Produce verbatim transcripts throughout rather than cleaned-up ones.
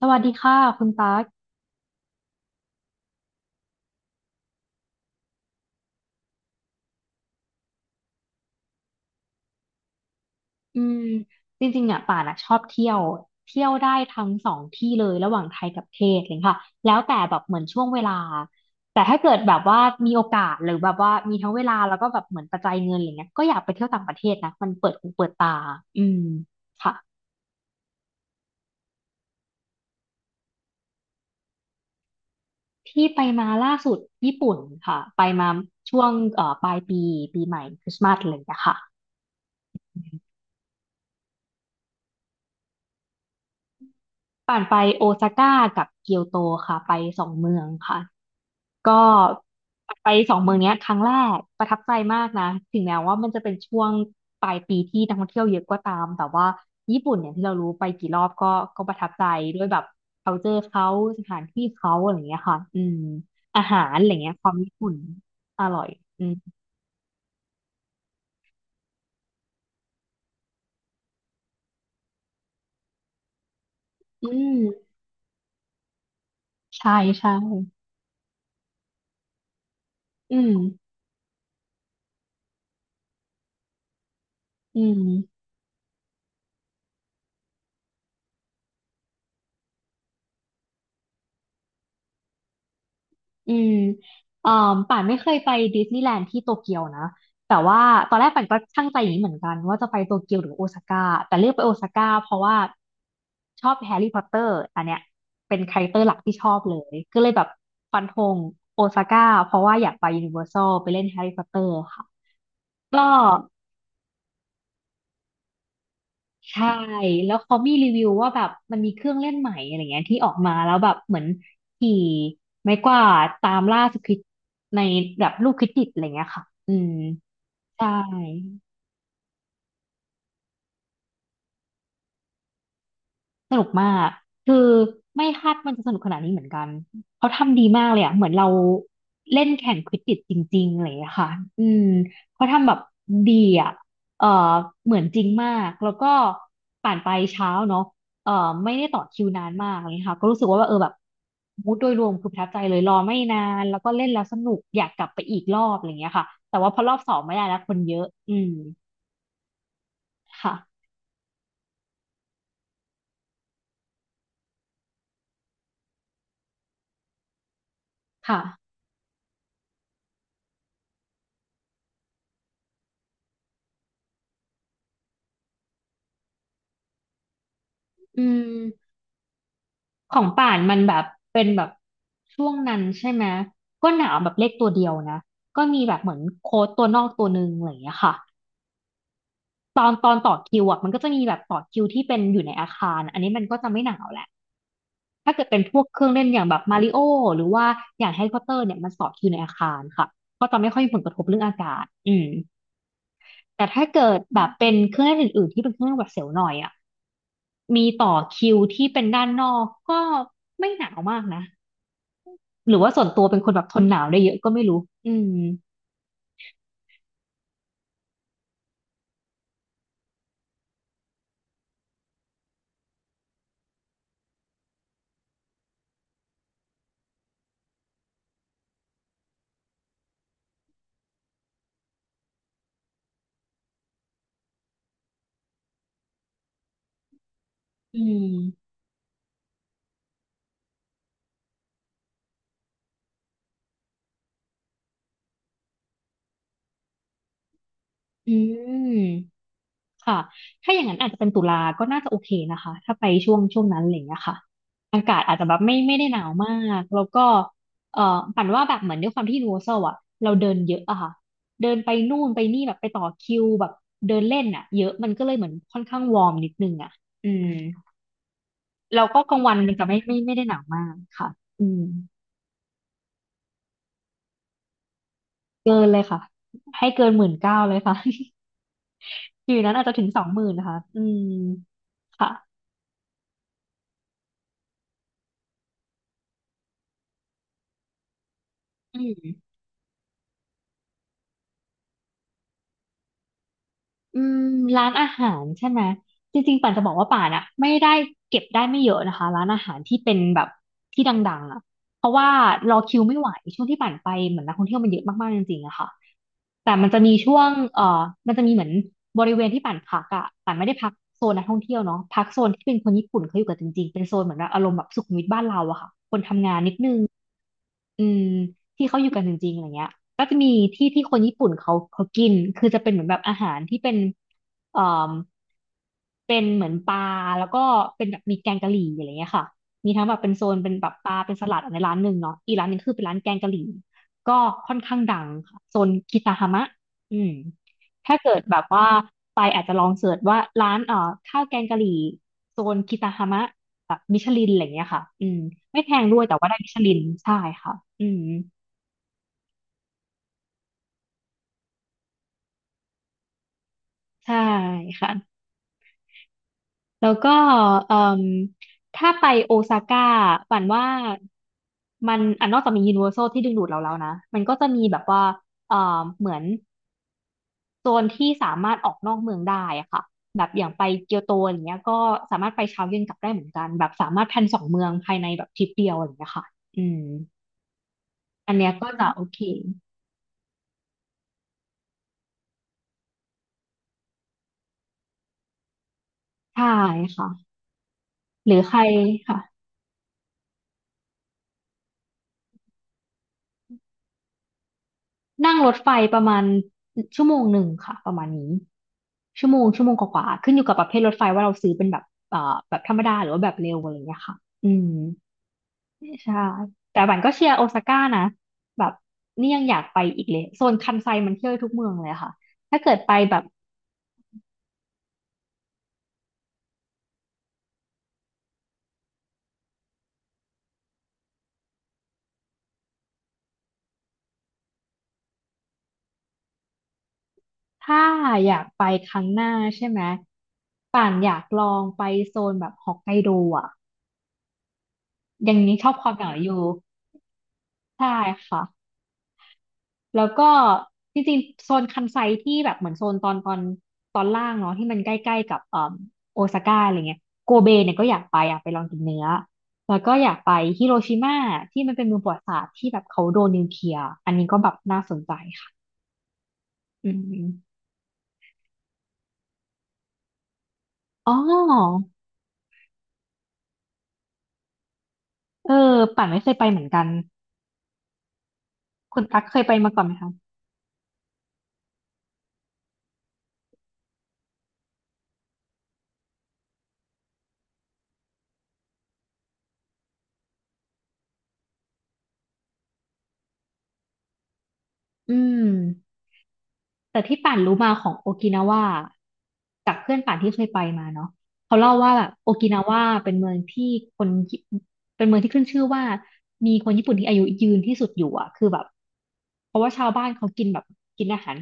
สวัสดีค่ะคุณตั๊กอืมจริงๆเนี่ยป่านอะชอบเที่ยวเที่ยวได้ทั้งสองที่เลยระหว่างไทยกับเทศเลยค่ะแล้วแต่แบบเหมือนช่วงเวลาแต่ถ้าเกิดแบบว่ามีโอกาสหรือแบบว่ามีทั้งเวลาแล้วก็แบบเหมือนปัจจัยเงินอะไรเงี้ยก็อยากไปเที่ยวต่างประเทศนะมันเปิดหูเปิดตาอืมค่ะที่ไปมาล่าสุดญี่ปุ่นค่ะไปมาช่วงเอ่อปลายปีปีใหม่คริสต์มาสอะไรอย่างเงี้ยค่ะป่านไปโอซาก้ากับเกียวโตค่ะไปสองเมืองค่ะ ก็ไปสองเมืองเนี้ยครั้งแรกประทับใจมากนะถึงแม้ว่ามันจะเป็นช่วงปลายปีที่นักท่องเที่ยวเยอะก็ตามแต่ว่าญี่ปุ่นเนี่ยที่เรารู้ไปกี่รอบก็ก็ประทับใจด้วยแบบ culture เขาสถานที่เขาอะไรอย่างเงี้ยค่ะอืมอาหารอะไรเงี้ยความญี่ปุ่นอร่อยอืมอืมใช่ใช่อืมอืม อืมอ่าป่านไม่เคยไปดิสนีย์แลนด์ที่โตเกียวนะแต่ว่าตอนแรกป่านก็ช่่งใจอย่างนี้เหมือนกันว่าจะไปโตเกียวหรือโอซาก้าแต่เลือกไปโอซาก้าเพราะว่าชอบแฮร์รี่พอตเตอร์อันเนี้ยเป็นคาแรคเตอร์หลักที่ชอบเลยก็เลยแบบฟันธงโอซาก้าเพราะว่าอยากไปยูนิเวอร์แซลไปเล่นแฮร์รี่พอตเตอร์ค่ะก็ ใช่ แล้วเขามีรีวิวว่าแบบมันมีเครื่องเล่นใหม่อะไรเงี้ยที่ออกมาแล้วแบบเหมือนขี่ไม้กวาดตามล่าสควิดในแบบลูกควิดดิดอะไรเงี้ยค่ะอืมใช่ สนุกมาก คือไม่คาดมันจะสนุกขนาดนี้เหมือนกันเขาทำดีมากเลยอะเหมือนเราเล่นแข่งควิดดิชจริงๆอะไรอย่างเลยค่ะอืมเขาทำแบบดีอะเออเหมือนจริงมากแล้วก็ผ่านไปเช้าเนาะเออไม่ได้ต่อคิวนานมากอะไรเลยค่ะก็รู้สึกว่าเออแบบมูดโดยรวมคือประทับใจเลยรอไม่นานแล้วก็เล่นแล้วสนุกอยากกลับไปอีกรอบอะไรอย่างเงี้ยค่ะแต่ว่าพอรอบสองไม่ได้แล้วคนเยอะอืมค่ะค่ะอืม ของป่านมันแบบเป็นแบบช่วงนั้นใช่ไหมก็หนาวแบบเลขตัวเดียวนะก็มีแบบเหมือนโค้ดตัวนอกตัวหนึ่งอะไรอย่างเงี้ยค่ะตอนตอนต่อคิวอ่ะมันก็จะมีแบบต่อคิวที่เป็นอยู่ในอาคารอันนี้มันก็จะไม่หนาวแหละถ้าเกิดเป็นพวกเครื่องเล่นอย่างแบบมาริโอหรือว่าอย่างแฮร์รี่พอตเตอร์เนี่ยมันต่อคิวในอาคารค่ะก็จะไม่ค่อยมีผลกระทบเรื่องอากาศอืมแต่ถ้าเกิดแบบเป็นเครื่องเล่นอื่นๆที่เป็นเครื่องเล่นหวัดเสียวหน่อยอ่ะมีต่อคิวที่เป็นด้านนอกก็ไม่หนาวมากนะ หรือว่าส่วนตัวเป็นคนแบบทนหนาวได้เยอะก็ไม่รู้อืมอืมอืมค่ะถ้าอย่างนั้นอาจจะเป็นตุลาก็น่าจะโอเคนะคะ ถ้าไปช่วงช่วงนั้นอะไรอย่างเงี้ยค่ะอากาศอาจจะแบบไม่ไม่ได้หนาวมากแล้วก็เอ่อปั่นว่าแบบเหมือนด้วยความที่ยูนิเวอร์แซลอะเราเดินเยอะอะค่ะเดินไปนู่นไปนี่แบบไปต่อคิวแบบเดินเล่นอะเยอะมันก็เลยเหมือนค่อนข้างวอร์มนิดนึงอะอืมเราก็กลางวันมันจะไม่ไม่ไม่ได้หนาวมากค่ะอืมเกินเลยค่ะให้เกินหมื่นเก้าเลยค่ะ อยู่นั้นอาจจะถึงสองหมื่นนะคะอืมค่ะอืมอืมร้านอาหารใช่ไหม จริงๆป่านจะบอกว่าป่านอะไม่ได้เก็บได้ไม่เยอะนะคะร้านอาหารที่เป็นแบบที่ดังๆอะเพราะว่ารอคิวไม่ไหวช่วงที่ป่านไปเหมือนนักท่องเที่ยวมันเยอะมากๆจริงๆอะค่ะแต่มันจะมีช่วงเอ่อมันจะมีเหมือนบริเวณที่ป่านพักอะป่านไม่ได้พักโซนนักท่องเที่ยวเนาะพักโซนที่เป็นคนญี่ปุ่นเขาอยู่กันจริงๆเป็นโซนเหมือนแบบอารมณ์แบบสุขุมวิทบ้านเราอะค่ะ อืมที่เขาอยู่กันจริงๆอะไรเงี้ยก็จะมีที่ที่คนญี่ปุ่นเขาเขากินคือจะเป็นเหมือนแบบอาหารที่เป็นเอ่อเป็นเหมือนปลาแล้วก็เป็นแบบมีแกงกะหรี่อะไรเงี้ยค่ะมีทั้งแบบเป็นโซนเป็นแบบปลาเป็นสลัดอันในร้านหนึ่งเนาะอีกร้านหนึงคือเป็นร้านแกงกะหรี่ก็ค่อนข้างดังค่ะโซนคิตาฮามะอืมถ้าเกิดแบบว่าไปอาจจะลองเสิร์ชว่าร้านเอ่อข้าวแกงกะหรี่โซนคิตาฮามะ แบบมิชลินอะไรเงี้ยค่ะอืมไม่แพงด้วยแต่ว่าได้มิชลินใช่ค่ะอืมใช่ค่ะ แล้วก็เอ่มถ้าไปโอซาก้าฝันว่ามันอ่ะนอกจากมียูนิเวอร์แซลที่ดึงดูดเราแล้วนะ มันก็จะมีแบบว่าเอ่อเหมือนโซนที่สามารถออกนอกเมืองได้อะค่ะแบบอย่างไปเกียวโตอย่างเงี้ยก็สามารถไปเช้าเย็นกลับได้เหมือนกันแบบสามารถแพลนสองเมืองภายในแบบทริปเดียวอะไรอย่างเงี้ยค่ะอืมอันเนี้ยก็จะโอเคใช่ค่ะหรือใครค่ะ นั่งรถไฟประมาณชั่วโมงหนึ่งค่ะประมาณนี้ชั่วโมงชั่วโมงกว่าๆขึ้นอยู่กับประเภทรถไฟว่าเราซื้อเป็นแบบเอ่อแบบธรรมดาหรือว่าแบบเร็วอะไรอย่างเงี้ยค่ะอืมใช่แต่บันก็เชียร์โอซาก้านะแบบนี่ยังอยากไปอีกเลยโซนคันไซมันเที่ยวได้ทุกเมืองเลยค่ะถ้าเกิดไปแบบถ้าอยากไปครั้งหน้าใช่ไหมป่านอยากลองไปโซนแบบฮอกไกโดอ่ะยังนี้ชอบความหนาวอยู่ใช่ค่ะ แล้วก็จริงๆโซนคันไซที่แบบเหมือนโซนตอนตอนตอนล่างเนาะที่มันใกล้ๆกับเอ่อโอซาก้าอะไรเงี้ยโกเบเนี่ยก็อยากไปอยากไปลองกินเนื้อแล้วก็อยากไปฮิโรชิมาที่มันเป็นเมืองประวัติศาสตร์ที่แบบเขาโดนนิวเคลียร์อันนี้ก็แบบน่าสนใจค่ะอืมอ๋อเออป่านไม่เคยไปเหมือนกันคุณตั๊กเคยไปมาก่อนไหมคะอืม แต่ที่ป่านรู้มาของโอกินาวาจากเพื่อนป่านที่เคยไปมาเนาะเขาเล่าว่าแบบโอกินาวาเป็นเมืองที่คนญี่เป็นเมืองที่ขึ้นชื่อว่ามีคนญี่ปุ่นที่อายุยืนที่สุดอยู่อ่ะคือแบบเพราะว่าชาวบ้านเขากินแบบกินอาหาร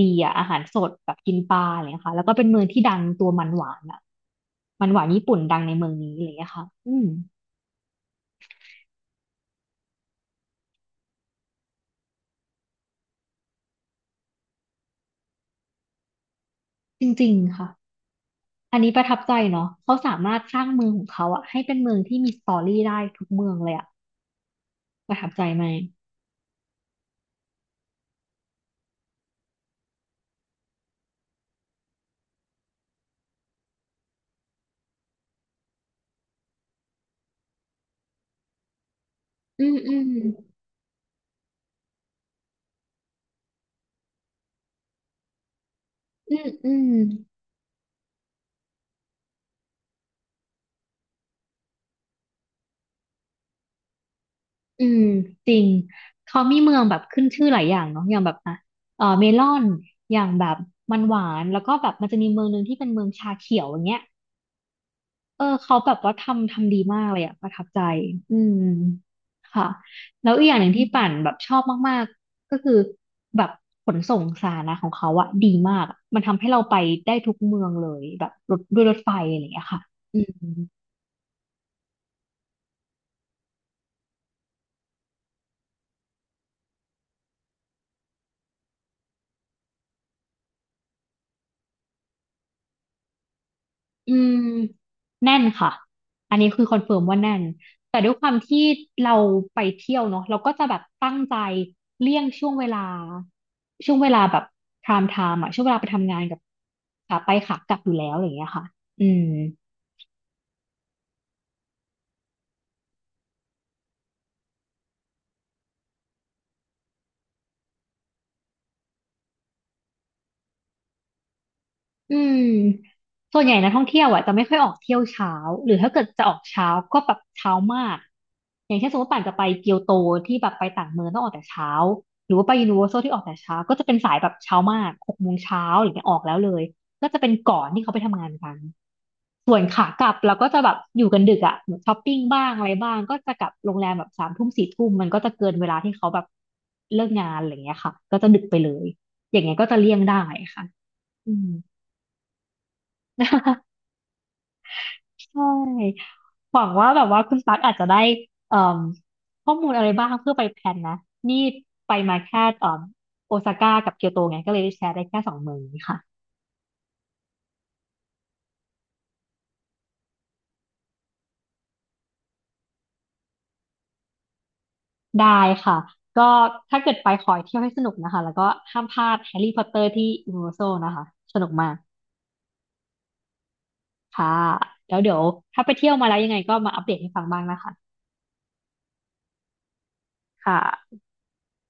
ดีอ่ะอาหารสดแบบกินปลาอะไรอย่างเงี้ยค่ะแล้วก็เป็นเมืองที่ดังตัวมันหวานอ่ะมันหวานญี่ปุ่นดังในเมืองนี้อะไรอย่างเงี้ยค่ะอืมจริงๆค่ะอันนี้ประทับใจเนาะเขาสามารถสร้างเมืองของเขาอะให้เป็นเมืองที่มีสตอรี่ได้ทุกเมืองเลยอะประทับใจไหม อืมอืมอืมอืมอืมจริงเขามีเมืองแบบขึ้นชื่อหลายอย่างเนาะอย่างแบบอ่ะเออเมลอนอย่างแบบมันหวานแล้วก็แบบมันจะมีเมืองหนึ่งที่เป็นเมืองชาเขียวอย่างเงี้ยเออเขาแบบว่าทำทำดีมากเลยอะประทับใจอืมค่ะแล้วอีกอย่างหนึ่งที่ป่านแบบชอบมากๆก็คือแบบขนส่งสาธารณะของเขาอะดีมากมันทำให้เราไปได้ทุกเมืองเลยแบบรถด้วยรถไฟอะไรอย่างเงี้ยค่ะอืม อืมแน่นค่ะ อันนี้คือคอนเฟิร์มว่าแน่น แต่ด้วยความที่เราไปเที่ยวเนาะเราก็จะแบบตั้งใจเลี่ยงช่วงเวลาช่วงเวลาแบบไทม์ไทม์อะช่วงเวลาไปทำงานกับขาไปขากลับอยู่แล้วอะไรอย่างเงี้ยค่ะอืม อืมส่วนใหญ่นักท่องเที่ยวอ่ะจะไม่ค่อยออกเที่ยวเช้าหรือถ้าเกิดจะออกเช้าก็แบบเช้ามากอย่างเช่นสมมติป่านจะไปเกียวโตที่แบบไปต่างเมืองต้องออกแต่เช้าหรือว่าไปยูนิเวอร์แซลที่ออกแต่เช้าก็จะเป็นสายแบบเช้ามากหกโมงเช้าหรือเนี่ยออกแล้วเลยก็จะเป็นก่อนที่เขาไปทำงานกันส่วนขากลับเราก็จะแบบอยู่กันดึกอ่ะเหมือนช้อปปิ้งบ้างอะไรบ้างก็จะกลับโรงแรมแบบสามทุ่มสี่ทุ่มมันก็จะเกินเวลาที่เขาแบบเลิกงานอะไรอย่างเงี้ยค่ะก็จะดึกไปเลยอย่างเงี้ยก็จะเลี่ยงได้ค่ะอืม ใช่หวังว่าแบบว่าคุณตั๊กอาจจะได้เอ่มข้อมูลอะไรบ้างเพื่อไปแพลนนะนี่ไปมาแค่เอ่มโอซาก้ากับเกียวโตไงก็เลยแชร์ได้แค่สองเมืองนี้ค่ะได้ค่ะก็ถ้าเกิดไปขอให้เที่ยวให้สนุกนะคะแล้วก็ห้ามพลาดแฮร์รี่พอตเตอร์ที่ยูนิเวอร์แซลนะคะสนุกมากค่ะแล้วเดี๋ยวถ้าไปเที่ยวมาแล้วยังไงก็มาอัปเดตให้ฟังบ้างนะคะค่ะ